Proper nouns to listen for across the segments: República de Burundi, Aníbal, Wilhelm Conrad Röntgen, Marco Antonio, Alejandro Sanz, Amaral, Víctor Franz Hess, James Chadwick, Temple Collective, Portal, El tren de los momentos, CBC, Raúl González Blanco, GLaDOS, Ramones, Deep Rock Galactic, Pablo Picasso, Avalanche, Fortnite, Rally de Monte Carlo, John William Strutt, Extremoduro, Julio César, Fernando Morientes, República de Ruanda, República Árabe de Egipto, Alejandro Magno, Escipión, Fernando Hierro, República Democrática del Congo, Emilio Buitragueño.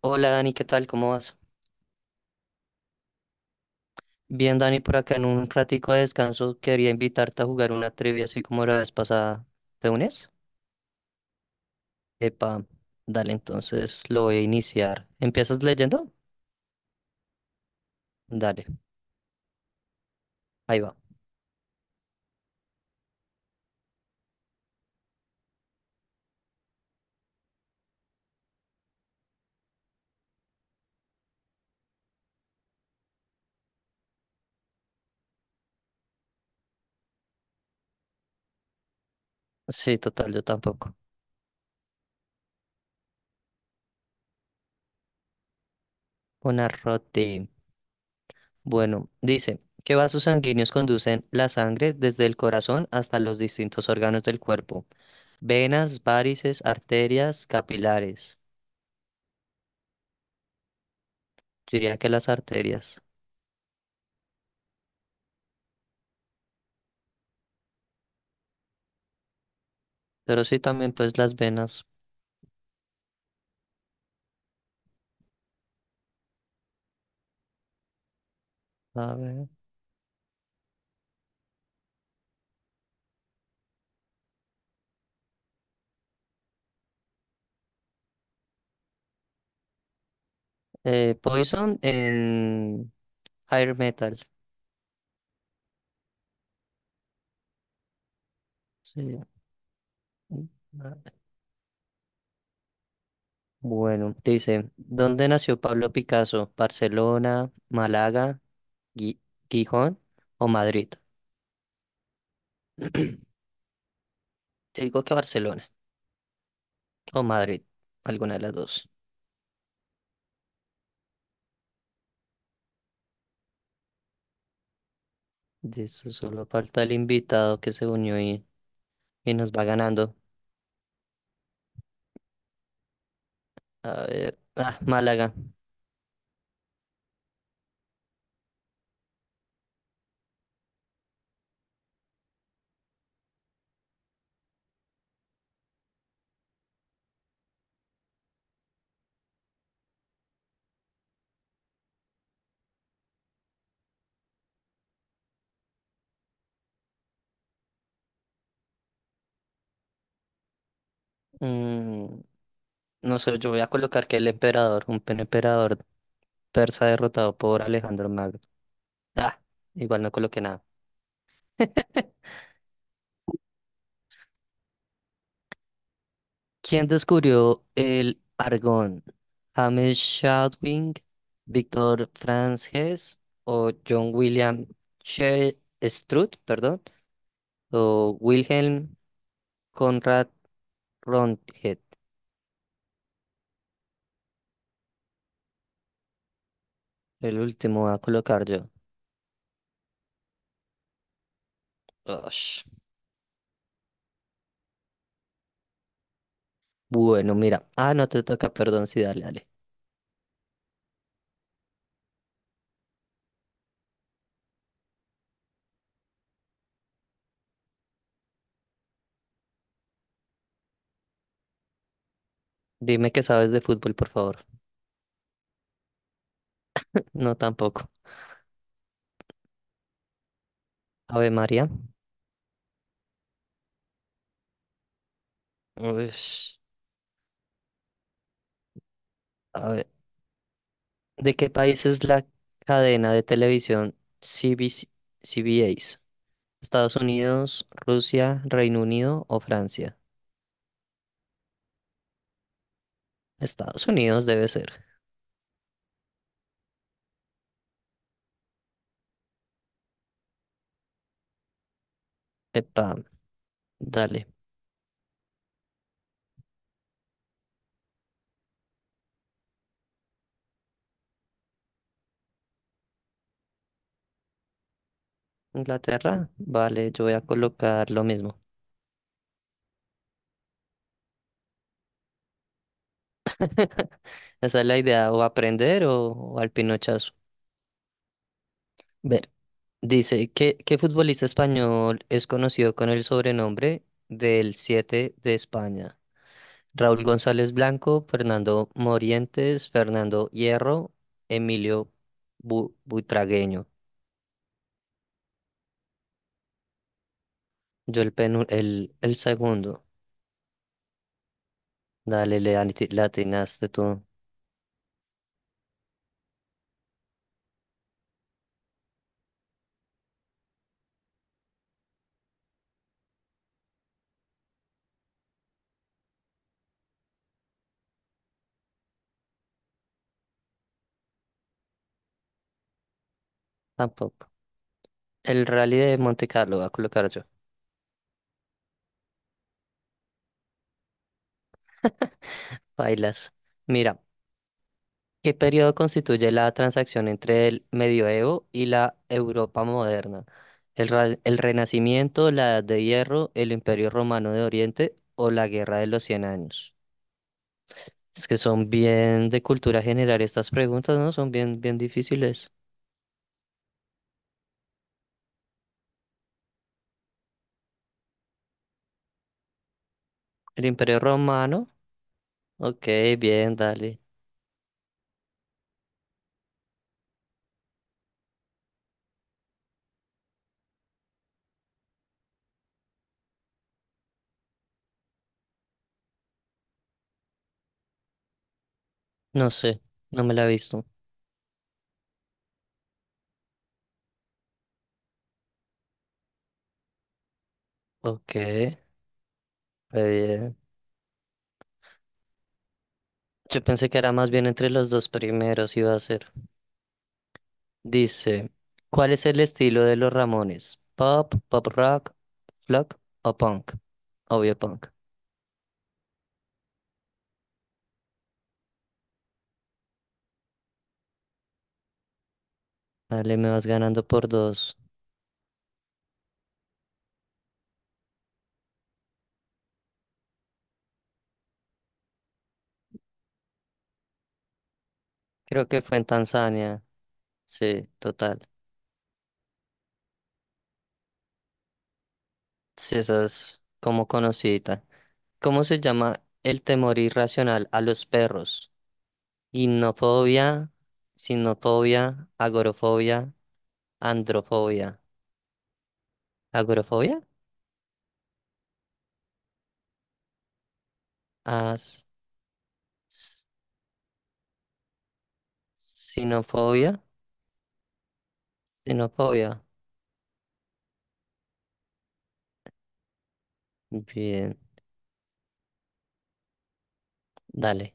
Hola Dani, ¿qué tal? ¿Cómo vas? Bien, Dani, por acá en un ratico de descanso quería invitarte a jugar una trivia así como la vez pasada. ¿Te unes? Epa, dale, entonces lo voy a iniciar. ¿Empiezas leyendo? Dale, ahí va. Sí, total, yo tampoco. Una roti. Bueno, dice, ¿qué vasos sanguíneos conducen la sangre desde el corazón hasta los distintos órganos del cuerpo? Venas, várices, arterias, capilares. Yo diría que las arterias, pero sí también pues las venas. A ver. Poison en Higher Metal. Sí. Vale. Bueno, dice, ¿dónde nació Pablo Picasso? ¿Barcelona, Málaga, Gui- Gijón o Madrid? Te digo que Barcelona o Madrid, alguna de las dos. De eso solo falta el invitado que se unió y nos va ganando. A ver, ah, Málaga. Mm, no sé, yo voy a colocar que el emperador, un emperador persa derrotado por Alejandro Magno. Ah, igual no coloqué nada. ¿Quién descubrió el argón? ¿James Chadwick, Víctor Franz Hess o John William Strutt, perdón, o Wilhelm Conrad Röntgen? El último voy a colocar yo. Ush. Bueno, mira. Ah, no te toca, perdón, sí, dale, dale. Dime que sabes de fútbol, por favor. No, tampoco. Ave María. Ush. A ver. ¿De qué país es la cadena de televisión CBC? ¿CBS? Estados Unidos, Rusia, Reino Unido o Francia. Estados Unidos debe ser. Epa, dale. Inglaterra, vale, yo voy a colocar lo mismo. Esa es la idea, o aprender o al pinochazo. Ver, dice, ¿qué futbolista español es conocido con el sobrenombre del 7 de España? Raúl González Blanco, Fernando Morientes, Fernando Hierro, Emilio Buitragueño. Yo el, penu- el segundo. Dale, le atinaste tú. Tampoco. El Rally de Monte Carlo va a colocar yo. Bailas. Mira, ¿qué periodo constituye la transacción entre el medioevo y la Europa moderna? El Renacimiento, la Edad de Hierro, el Imperio Romano de Oriente o la Guerra de los Cien Años? Es que son bien de cultura general estas preguntas, ¿no? Son bien, bien difíciles. ¿El Imperio Romano? Ok, bien, dale. No sé, no me la he visto. Ok, re bien. Yo pensé que era más bien entre los dos primeros iba a ser. Dice, ¿cuál es el estilo de los Ramones? ¿Pop, pop rock, flock o punk? Obvio punk. Dale, me vas ganando por dos. Creo que fue en Tanzania. Sí, total. Sí, esa es como conocidita. ¿Cómo se llama el temor irracional a los perros? Innofobia, sinofobia, agorofobia, androfobia. ¿Agorofobia? As... Sinofobia, sinofobia. Bien, dale.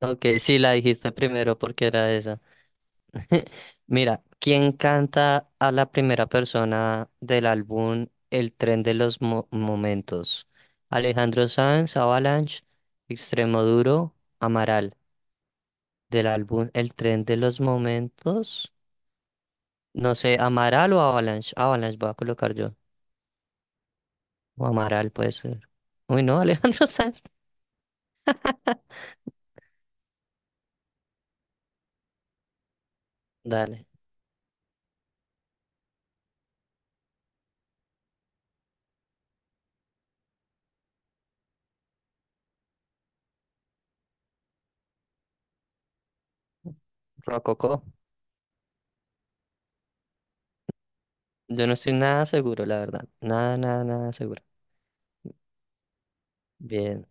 Ok, sí la dijiste primero porque era esa. Mira, ¿quién canta a la primera persona del álbum El tren de los momentos? Alejandro Sanz, Avalanche, Extremoduro, Amaral. Del álbum El tren de los momentos. No sé, Amaral o Avalanche. Avalanche voy a colocar yo. O Amaral puede ser. Uy, no, Alejandro Sanz. Dale. Rococó. Yo no estoy nada seguro, la verdad. Nada, nada, nada seguro. Bien,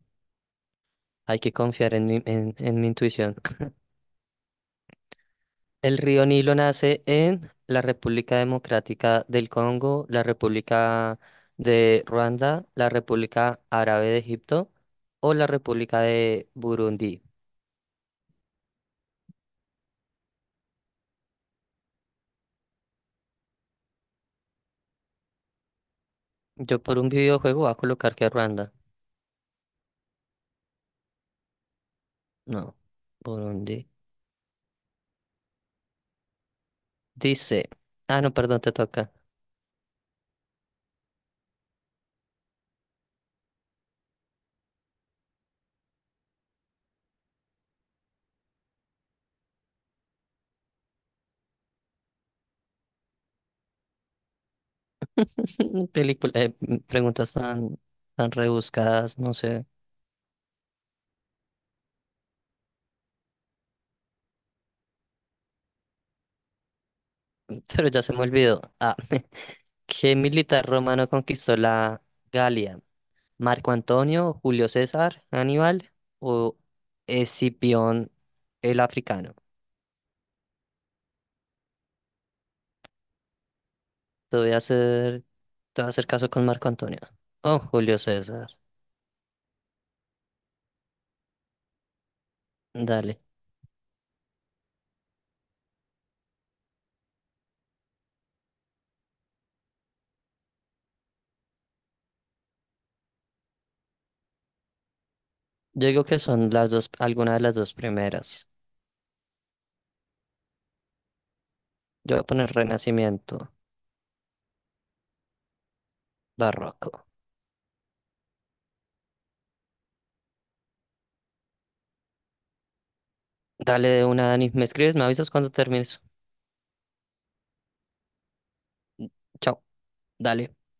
hay que confiar en mi, en mi intuición. El río Nilo nace en la República Democrática del Congo, la República de Ruanda, la República Árabe de Egipto o la República de Burundi. Yo por un videojuego voy a colocar que Ruanda. No, Burundi. Dice. Ah, no, perdón, te toca. Película, preguntas tan, tan rebuscadas, no sé. Pero ya se me olvidó. Ah, ¿qué militar romano conquistó la Galia? ¿Marco Antonio, Julio César, Aníbal o Escipión el africano? Te voy a hacer, te voy a hacer caso con Marco Antonio. Oh, Julio César. Dale. Yo digo que son las dos, alguna de las dos primeras. Yo voy a poner Renacimiento, Barroco. Dale de una, Dani. ¿Me escribes? ¿Me avisas cuando termines? Chao. Dale.